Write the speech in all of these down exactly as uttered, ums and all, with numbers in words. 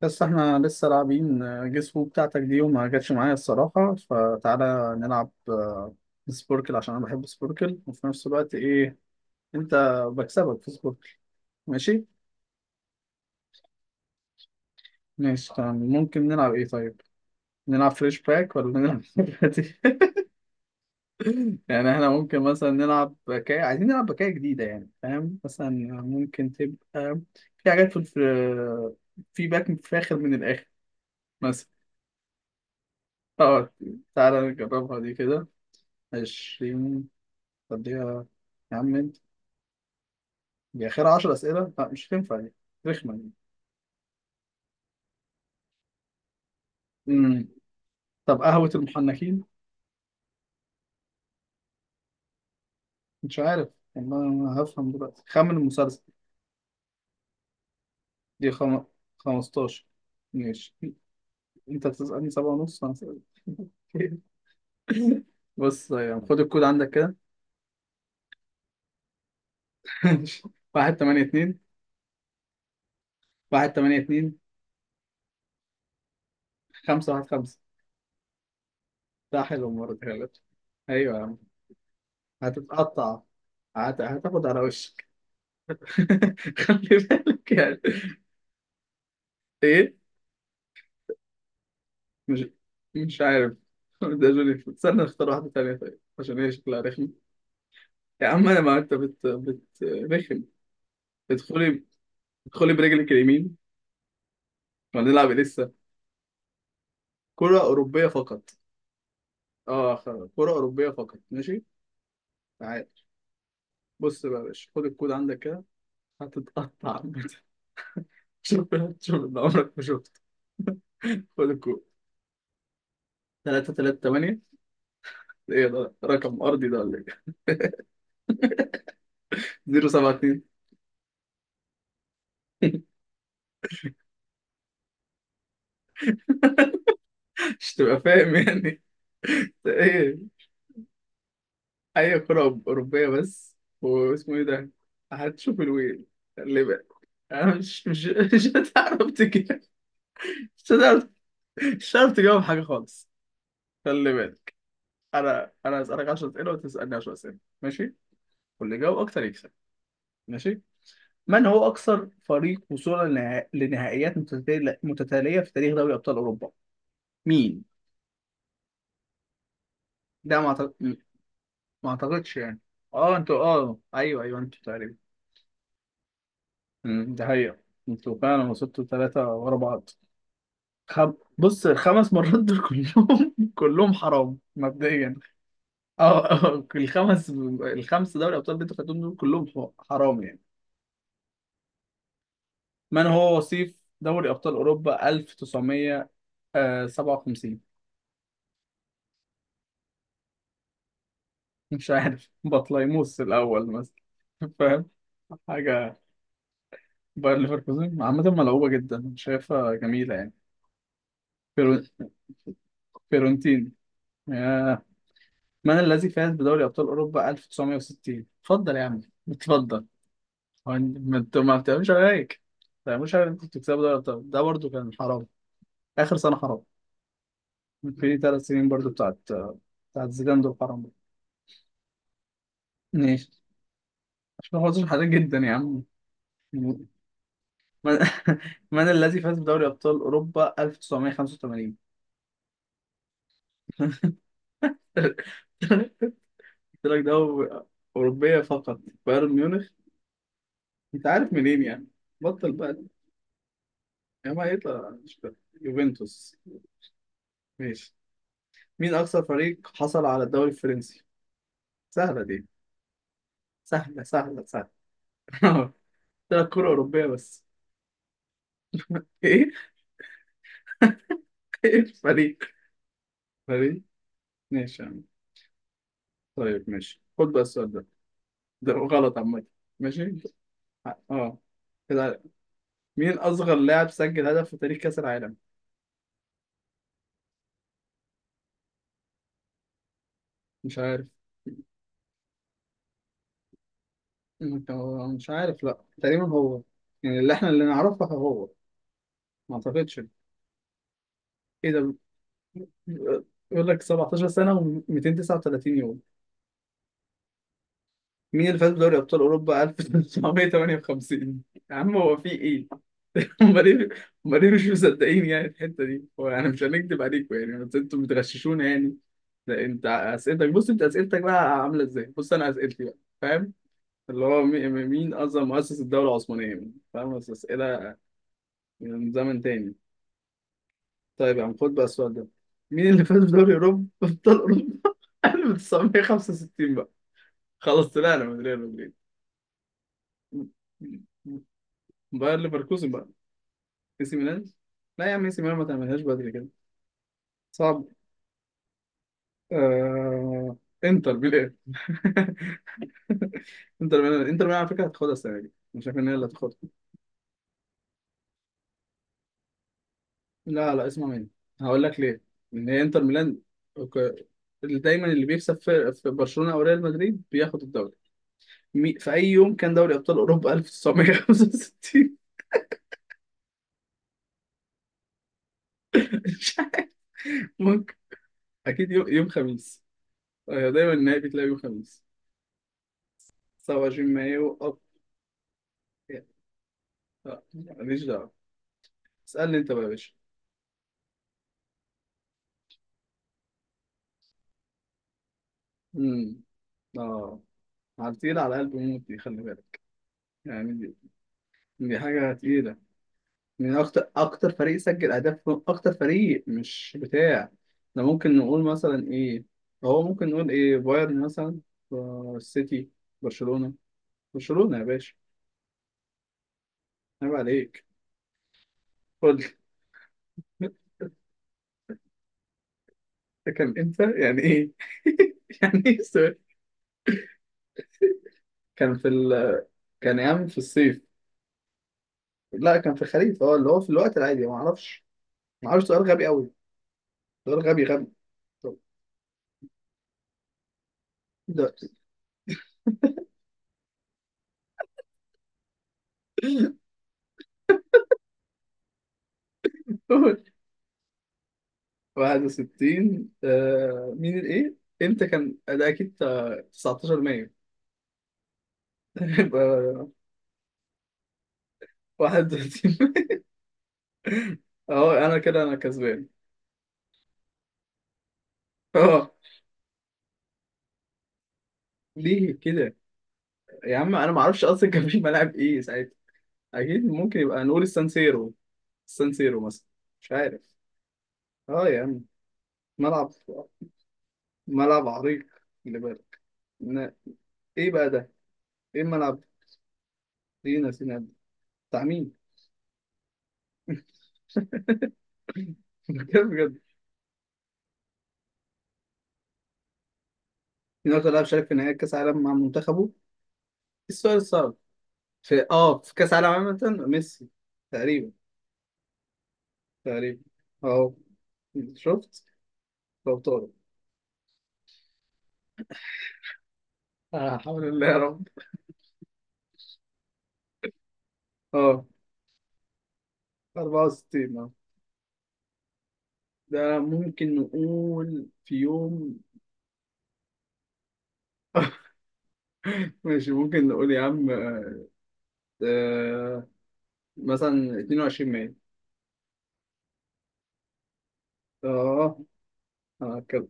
بس احنا لسه لاعبين جيس هو بتاعتك دي وما جاتش معايا الصراحة، فتعالى نلعب آه، سبوركل عشان انا بحب سبوركل، وفي نفس الوقت ايه انت بكسبك في سبوركل. ماشي؟ ماشي تمام. ممكن نلعب ايه طيب؟ نلعب فريش باك ولا نلعب دلوقتي؟ يعني احنا ممكن مثلا نلعب بكاية، عايزين نلعب بكاية جديدة يعني، فاهم؟ مثلا ممكن تبقى في حاجات في الف- في باك فاخر من الآخر مثلا. اه تعالى نجربها دي كده. عشرين تديها. يا عم انت دي اخر عشرة اسئله، لا مش هتنفع دي، رخمه دي. امم طب قهوه المحنكين؟ مش عارف والله، ما هفهم دلوقتي. خمن المسلسل. دي خم... خمسة عشر. ماشي. انت بتسالني 7 ونص انا سألت. بص يعني خد الكود عندك كده. واحد تمانية اتنين. واحد تمانية اتنين. خمسة واحد خمسة. ده حلو المرة دي يا باشا. أيوة يا عم. هتتقطع، هت... هتاخد على وشك. خلي بالك يعني. إيه؟ مش مش عارف. ده جونيفر، استنى نختار واحدة تانية طيب عشان هي شكلها رخم. يا عم أنا، ما أنت بت بت رخم. ادخلي. ادخلي برجلك اليمين، وهنلعب لسه كرة أوروبية فقط. اه خلاص، كرة أوروبية فقط، ماشي. تعال. بص بقى يا باشا، خد الكود عندك كده، هتتقطع عامة. شوف. شوف اللي عمرك ما شفته. خد الكود. ثلاثة ثلاثة ثمانية. ايه ده؟ رقم أرضي ده ولا ايه؟ صفر سبعة اتنين. مش تبقى فاهم يعني. ايه؟ اي كرة اوروبية بس. واسمه ايه ده؟ هتشوف الويل اللي بقى. انا مش مش مش هتعرف تجاوب. مش هتعرف. مش هتعرف تجاوب حاجة خالص. خلي بالك. انا انا هسألك عشرة اسئلة وتسألني عشرة اسئلة، ماشي. واللي يجاوب اكتر يكسب. ماشي. من هو اكثر فريق وصولا لنها- لنهائيات متتالية متتالية في تاريخ دوري ابطال اوروبا؟ مين؟ ده ما أعتقد... ما اعتقدش يعني. اه انتوا، اه ايوه ايوه، انتوا تقريبا. أمم، ده هي، انتوا فعلا وصلتوا ثلاثة ورا بعض. خم... بص، الخمس مرات دول كلهم كلهم حرام مبدئيا. اه، آه، الخمس الخمس دوري ابطال اللي انتوا خدتهم دول كلهم ح- حرام يعني. من هو وصيف دوري ابطال اوروبا ألف وتسعمية وسبعة وخمسين؟ مش عارف، بطليموس الاول مثلا. فاهم حاجه. باير ليفركوزن عامه ملعوبه جدا، أنا شايفها جميله يعني. فيرو- فيرونتين. ياه. من الذي فاز بدوري ابطال اوروبا ألف وتسعمية وستين؟ اتفضل يا عم، اتفضل. هو إن- ما انتوا، ما بتعملوش عليك ما بتعملوش عليك، انتوا بتكسبوا دوري ابطال، ده برضه كان حرام. اخر سنه حرام. في ثلاث سنين برضه بتاعت بتاعت زيدان دول حرام برضه. ماشي. عشان خاطر حاجات جدا يا عم. من, من الذي فاز بدوري ابطال اوروبا ألف وتسعمية وخمسة وتمانين؟ قلت لك ده هو اوروبيه فقط. بايرن ميونخ. انت عارف منين يعني؟ بطل بقى. يا ما يطلع مش فاهم. يوفنتوس. ماشي. مين اكثر فريق حصل على الدوري الفرنسي؟ سهله دي. سهله سهله سهله. اه. طلعت كرة أوروبية بس. إيه؟ إيه الفريق؟ فريق؟ ماشي يا عم. طيب ماشي، خد بقى السؤال ده. ده غلط عامة. ماشي؟ اه كده. مين أصغر لاعب سجل هدف في تاريخ كأس العالم؟ مش عارف. أنت- مش عارف، لأ تقريبا هو. يعني اللي احنا اللي نعرفه هو. ما أعتقدش. إيه ده؟ يقول لك 17 سنة و239 يوم. مين اللي فاز بدوري أبطال أوروبا ألف وتسعمية وتمانية وخمسين؟ يا عم هو في إيه؟ امال ايه؟ امال ايه، مش مصدقين يعني الحته دي. هو انا مش هنكدب عليكم يعني، بس انتوا بتغششونا يعني. ده انت اسئلتك، بص انت اسئلتك بقى عامله ازاي، بص انا اسئلتي بقى، فاهم؟ اللي هو مي- مين اصلا مؤسس الدوله العثمانيه يعني، فاهم، بس اسئله من زمن تاني. طيب يا عم، خد بقى السؤال ده. مين اللي فاز بدوري اوروبا ابطال اوروبا ألف وتسعمية وخمسة وستين بقى؟ خلاص طلعنا من ريال مدريد. باير ليفركوزن بقى. اي سي ميلان. لا يا عم، اي سي ميلان ما تعملهاش بدري كده، صعب. آه... انتر ميلان. انتر ميلان انتر ميلان على فكره هتاخدها السنه دي، انا شايف ان هي اللي هتاخدها. لا لا، اسمع مني، هقول لك ليه ان هي انتر ميلان. أوك- اللي دايما اللي بيكسب في, في برشلونه او ريال مدريد بياخد الدوري. مي... في اي يوم كان دوري ابطال اوروبا ألف وتسعمية وخمسة وستين؟ ممكن. اكيد يوم, يوم خميس. آه، دايما النهائي بتلاقي يوم خميس. تسعة وعشرين مايو اب. لا، ماليش دعوه. اسالني انت بقى يا باشا. امم اه، على تقيل على قلب موت دي، خلي بالك يعني. دي حاجة تقيلة. من أكتر أكتر فريق سجل أهداف، أكتر فريق، مش بتاع. ده ممكن نقول مثلا إيه؟ هو ممكن نقول إيه، بايرن مثلا؟ آه، السيتي؟ برشلونة. برشلونة يا باشا. عيب عليك. قول لي. ده كان إمتى يعني إيه؟ يعني إيه السؤال؟ كان في ال... كان يعمل في الصيف. لا كان في الخريف، أه اللي هو في الوقت العادي ما أعرفش. ما أعرفش، سؤال غبي أوي. سؤال غبي غبي. طب، ده واحد وستين. آه مين الايه امتى كان ده؟ اكيد آه، تسعتاشر مايو. يبقى واحد وتلاتين مايو. اه. انا كده انا كسبان. اه. ليه كده؟ يا عم انا ما اعرفش اصلا كان في ملاعب ايه ساعتها. اكيد ممكن يبقى نقول السانسيرو. السانسيرو مثلا. مش عارف. اه يا عم، ملعب. ملعب عريق. اللي بالك. ن- ايه بقى ده؟ ايه الملعب؟ دي ناسينا ده؟ بتاع مين؟ بجد بجد. مين اكتر لاعب شارك في نهائي كاس العالم مع منتخبه؟ إيه السؤال الصعب؟ في اه في كأس العالم عامة ميسي تقريبا. تقريبا. اه. شفت. لو طارق. آه حول الله يا رب. اه. اربعة وستين. اه. ده ممكن نقول في يوم. ماشي، ممكن نقول يا عم، آه، مثلا اتنين وعشرين مايو. اه. اه كده.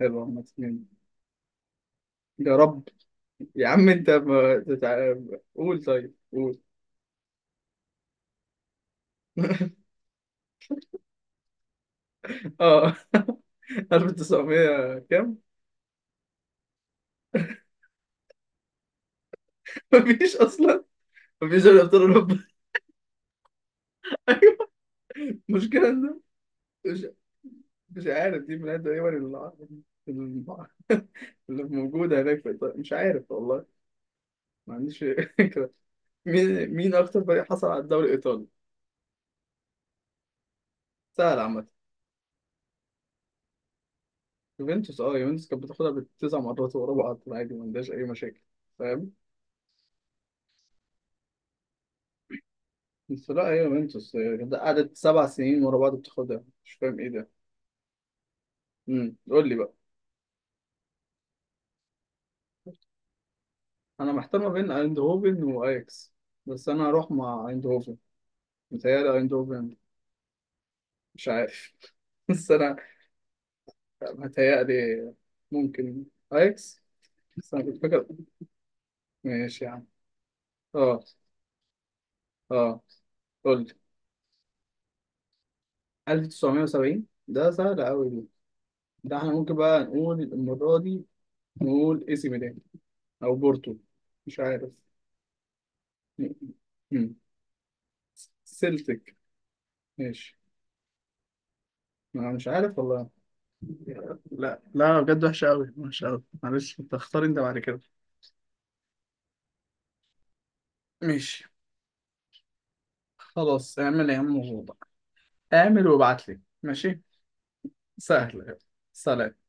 حلو عامة يعني. يا رب. يا عم انت ما تتع... قول، طيب قول. اه، ألف وتسعمية كام؟ مفيش اصلا. مفيش دوري ابطال اوروبا. مشكلة إن- مش مش عارف. دي من تقريبا اللي، اللي موجودة هناك في إيطاليا، مش عارف والله. ما عنديش فكرة. مين مين أكتر فريق حصل على الدوري الإيطالي؟ سهل عامة. يوفنتوس، أه يوفنتوس كانت بتاخدها بالتسع مرات ورا بعض عادي، ما عندهاش أي مشاكل. فاهم؟ بس لا، هي يوفنتوس هي كانت قعدت سبع سنين ورا بعض بتاخدها، مش فاهم إيه ده. امم قول لي بقى. أنا محتار ما بين أيندهوفن وأياكس. بس أنا هروح مع أيندهوفن. متهيألي أيندهوفن. مش عارف. بس أنا متهيألي ممكن أياكس. بس أنا كنت فاكر. ماشي يا عم. أه. أه. قول لي. ألف وتسعمية وسبعين ده سهل أوي دي. ده إحنا ممكن بقى نقول المرة دي، نقول إي سي ميلان أو بورتو. مش عارف. مم. سيلتك. ماشي. أنا مش عارف والله. لا لا بجد، وحشة أوي، وحشة أوي، معلش. أنت اختار أنت بعد كده. ماشي. خلاص اعمل يا عم وضع. اعمل وابعت لي. ماشي. سهل. سلام.